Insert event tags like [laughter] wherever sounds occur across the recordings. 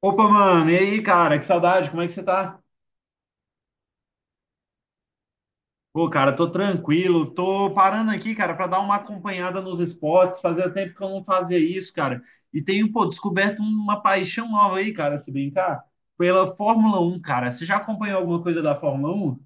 Opa, mano, e aí, cara? Que saudade, como é que você tá? Pô, cara, tô tranquilo, tô parando aqui, cara, pra dar uma acompanhada nos esportes. Fazia tempo que eu não fazia isso, cara. E tenho, pô, descoberto uma paixão nova aí, cara, se brincar, pela Fórmula 1, cara. Você já acompanhou alguma coisa da Fórmula 1?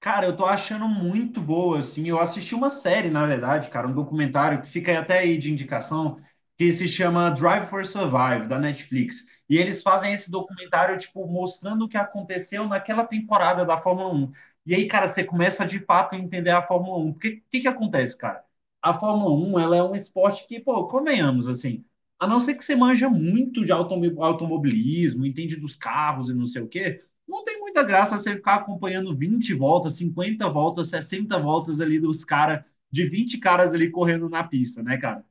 Cara, eu tô achando muito boa, assim. Eu assisti uma série, na verdade, cara, um documentário que fica aí até aí de indicação, que se chama Drive for Survive, da Netflix. E eles fazem esse documentário, tipo, mostrando o que aconteceu naquela temporada da Fórmula 1. E aí, cara, você começa de fato a entender a Fórmula 1, porque o que que acontece, cara? A Fórmula 1, ela é um esporte que, pô, convenhamos, assim, a não ser que você manja muito de automobilismo, entende dos carros e não sei o quê, não tem muita graça você ficar acompanhando 20 voltas, 50 voltas, 60 voltas ali dos caras, de 20 caras ali correndo na pista, né, cara?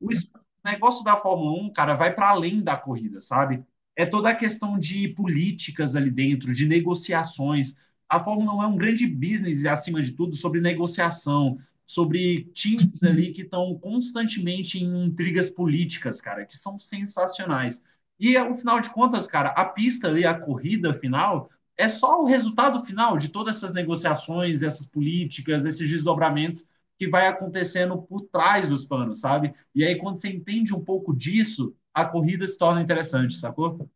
O negócio da Fórmula 1, cara, vai para além da corrida, sabe? É toda a questão de políticas ali dentro, de negociações. A Fórmula 1 é um grande business, acima de tudo, sobre negociação, sobre times ali que estão constantemente em intrigas políticas, cara, que são sensacionais. E, ao final de contas, cara, a pista ali, a corrida final, é só o resultado final de todas essas negociações, essas políticas, esses desdobramentos que vai acontecendo por trás dos panos, sabe? E aí, quando você entende um pouco disso, a corrida se torna interessante, sacou?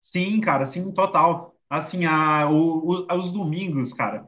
Sim, cara, sim, total. Assim, os domingos, cara.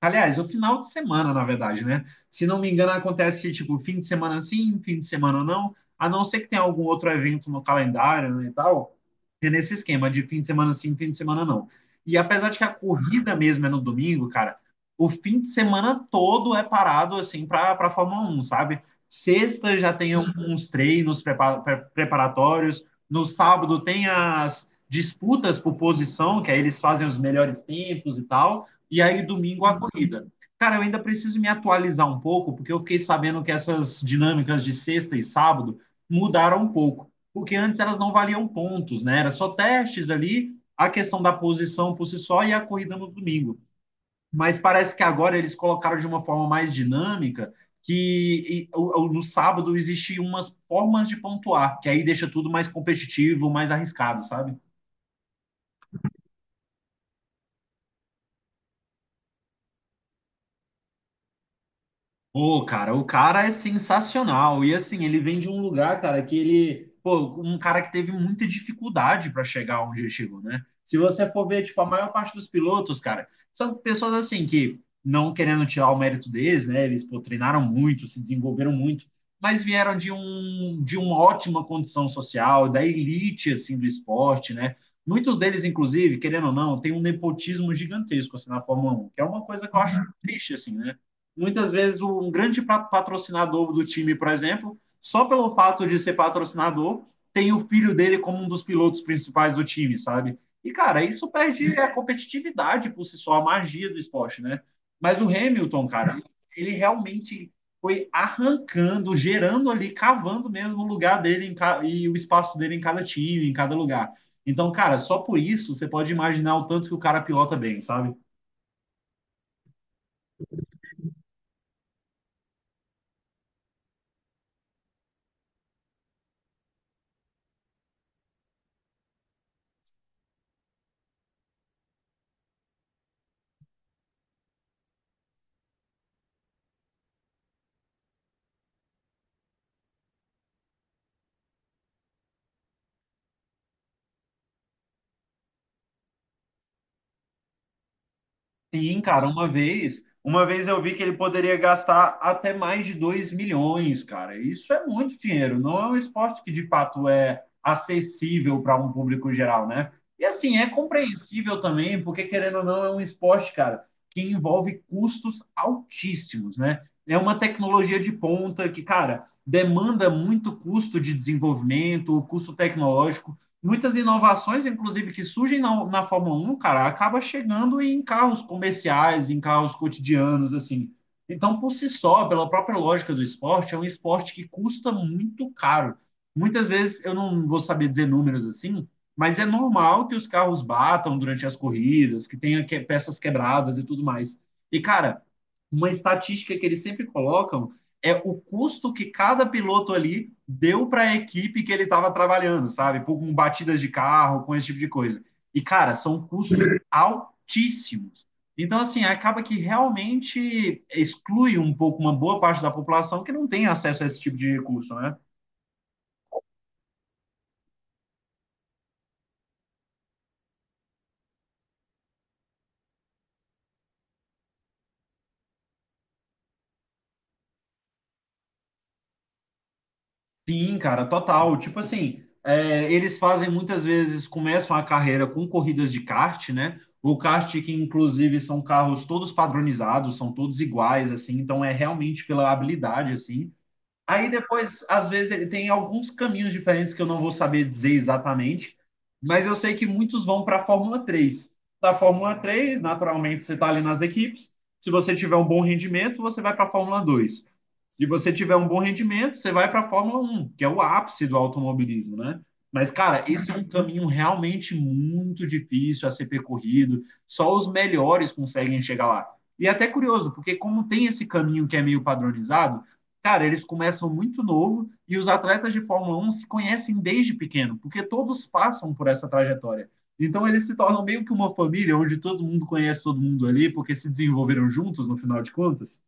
Aliás, o final de semana, na verdade, né? Se não me engano, acontece tipo fim de semana sim, fim de semana não, a não ser que tenha algum outro evento no calendário, né, e tal. É nesse esquema de fim de semana sim, fim de semana não. E apesar de que a corrida mesmo é no domingo, cara, o fim de semana todo é parado assim para Fórmula 1, sabe? Sexta já tem uns treinos preparatórios. No sábado tem as disputas por posição, que aí eles fazem os melhores tempos e tal, e aí domingo a corrida. Cara, eu ainda preciso me atualizar um pouco, porque eu fiquei sabendo que essas dinâmicas de sexta e sábado mudaram um pouco, porque antes elas não valiam pontos, né? Era só testes ali, a questão da posição por si só e a corrida no domingo. Mas parece que agora eles colocaram de uma forma mais dinâmica que no sábado existiam umas formas de pontuar, que aí deixa tudo mais competitivo, mais arriscado, sabe? Pô, cara, o cara é sensacional. E assim, ele vem de um lugar, cara, que ele, pô, um cara que teve muita dificuldade para chegar onde ele chegou, né? Se você for ver, tipo, a maior parte dos pilotos, cara, são pessoas assim que, não querendo tirar o mérito deles, né, eles, pô, treinaram muito, se desenvolveram muito, mas vieram de uma ótima condição social, da elite assim do esporte, né? Muitos deles, inclusive, querendo ou não, tem um nepotismo gigantesco assim na Fórmula 1, que é uma coisa que eu acho triste assim, né? Muitas vezes um grande patrocinador do time, por exemplo, só pelo fato de ser patrocinador, tem o filho dele como um dos pilotos principais do time, sabe? E, cara, isso perde a competitividade por si só, a magia do esporte, né? Mas o Hamilton, cara, ele realmente foi arrancando, gerando ali, cavando mesmo o lugar dele e o espaço dele em cada time, em cada lugar. Então, cara, só por isso você pode imaginar o tanto que o cara pilota bem, sabe? Sim, cara, uma vez eu vi que ele poderia gastar até mais de 2 milhões, cara. Isso é muito dinheiro, não é um esporte que de fato é acessível para um público geral, né? E assim, é compreensível também, porque querendo ou não, é um esporte, cara, que envolve custos altíssimos, né? É uma tecnologia de ponta que, cara, demanda muito custo de desenvolvimento, custo tecnológico, muitas inovações, inclusive, que surgem na Fórmula 1, cara, acaba chegando em carros comerciais, em carros cotidianos, assim. Então, por si só, pela própria lógica do esporte, é um esporte que custa muito caro. Muitas vezes, eu não vou saber dizer números assim, mas é normal que os carros batam durante as corridas, peças quebradas e tudo mais. E, cara, uma estatística que eles sempre colocam é o custo que cada piloto ali deu para a equipe que ele estava trabalhando, sabe? Com batidas de carro, com esse tipo de coisa. E, cara, são custos altíssimos. Então, assim, acaba que realmente exclui um pouco uma boa parte da população que não tem acesso a esse tipo de recurso, né? Sim, cara, total. Tipo assim, é, eles fazem muitas vezes, começam a carreira com corridas de kart, né? O kart que inclusive são carros todos padronizados, são todos iguais, assim, então é realmente pela habilidade, assim. Aí depois, às vezes, ele tem alguns caminhos diferentes que eu não vou saber dizer exatamente, mas eu sei que muitos vão para a Fórmula 3. Da Fórmula 3, naturalmente, você está ali nas equipes. Se você tiver um bom rendimento, você vai para a Fórmula 2. Se você tiver um bom rendimento, você vai para a Fórmula 1, que é o ápice do automobilismo, né? Mas, cara, esse é um caminho realmente muito difícil a ser percorrido. Só os melhores conseguem chegar lá. E é até curioso, porque como tem esse caminho que é meio padronizado, cara, eles começam muito novo e os atletas de Fórmula 1 se conhecem desde pequeno, porque todos passam por essa trajetória. Então eles se tornam meio que uma família onde todo mundo conhece todo mundo ali, porque se desenvolveram juntos no final de contas.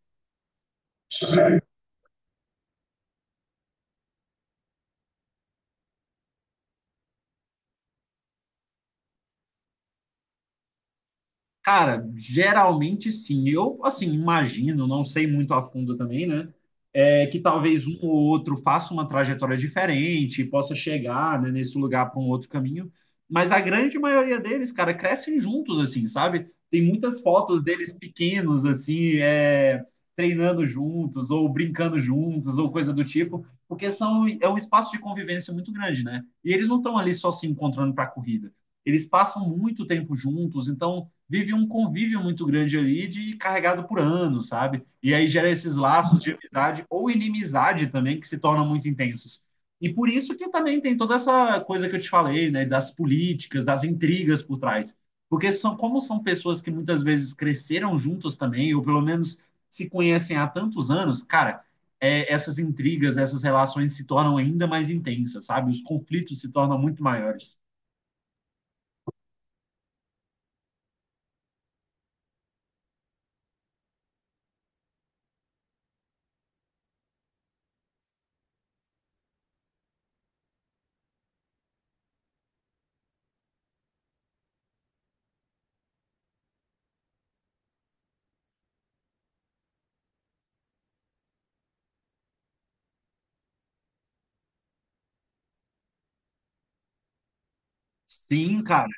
Cara, geralmente sim. Eu, assim, imagino, não sei muito a fundo também, né? É, que talvez um ou outro faça uma trajetória diferente, possa chegar, né, nesse lugar para um outro caminho. Mas a grande maioria deles, cara, crescem juntos, assim, sabe? Tem muitas fotos deles pequenos, assim, é, treinando juntos, ou brincando juntos, ou coisa do tipo, porque são, é um espaço de convivência muito grande, né? E eles não estão ali só se encontrando para a corrida. Eles passam muito tempo juntos, então vive um convívio muito grande ali de carregado por anos, sabe? E aí gera esses laços de amizade ou inimizade também que se tornam muito intensos. E por isso que também tem toda essa coisa que eu te falei, né, das políticas, das intrigas por trás. Porque são, como são pessoas que muitas vezes cresceram juntas também, ou pelo menos se conhecem há tantos anos, cara, é, essas intrigas, essas relações se tornam ainda mais intensas, sabe? Os conflitos se tornam muito maiores. Sim, cara.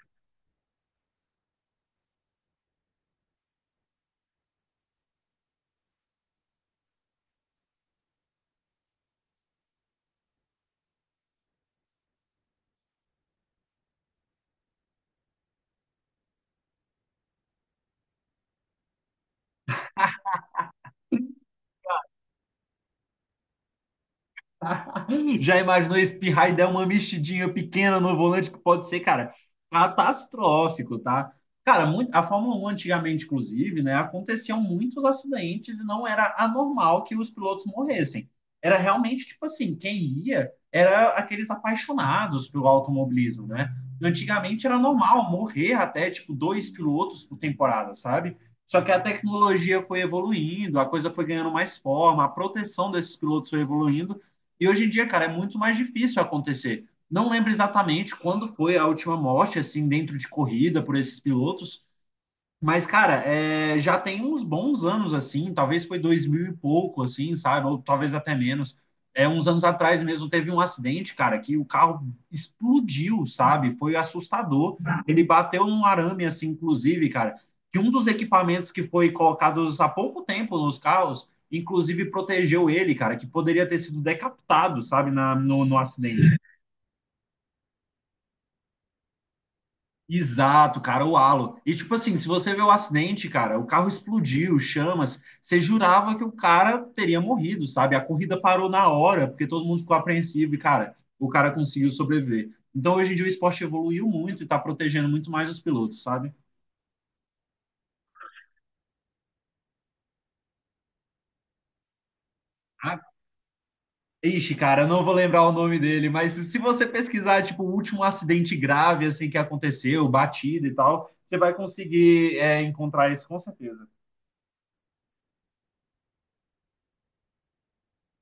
[laughs] Já imaginou espirrar e dar uma mexidinha pequena no volante? Que pode ser, cara, catastrófico, tá? Cara, muito, a Fórmula 1 antigamente, inclusive, né, aconteciam muitos acidentes e não era anormal que os pilotos morressem. Era realmente tipo assim, quem ia era aqueles apaixonados pelo automobilismo, né? Antigamente era normal morrer até tipo dois pilotos por temporada, sabe? Só que a tecnologia foi evoluindo, a coisa foi ganhando mais forma, a proteção desses pilotos foi evoluindo e hoje em dia, cara, é muito mais difícil acontecer. Não lembro exatamente quando foi a última morte, assim, dentro de corrida por esses pilotos, mas, cara, é, já tem uns bons anos, assim, talvez foi 2000 e pouco, assim, sabe? Ou talvez até menos. É, uns anos atrás mesmo teve um acidente, cara, que o carro explodiu, sabe? Foi assustador. Ele bateu num arame, assim, inclusive, cara, que um dos equipamentos que foi colocados há pouco tempo nos carros, inclusive protegeu ele, cara, que poderia ter sido decapitado, sabe, na, no, no acidente. Exato, cara, o halo. E tipo assim, se você vê o acidente, cara, o carro explodiu, chamas, você jurava que o cara teria morrido, sabe? A corrida parou na hora, porque todo mundo ficou apreensivo e, cara, o cara conseguiu sobreviver. Então, hoje em dia, o esporte evoluiu muito e tá protegendo muito mais os pilotos, sabe? Ah, ixi, cara, eu não vou lembrar o nome dele, mas se você pesquisar, tipo, o último acidente grave, assim, que aconteceu, batida e tal, você vai conseguir, é, encontrar isso com certeza.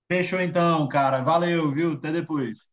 Fechou então, cara. Valeu, viu? Até depois.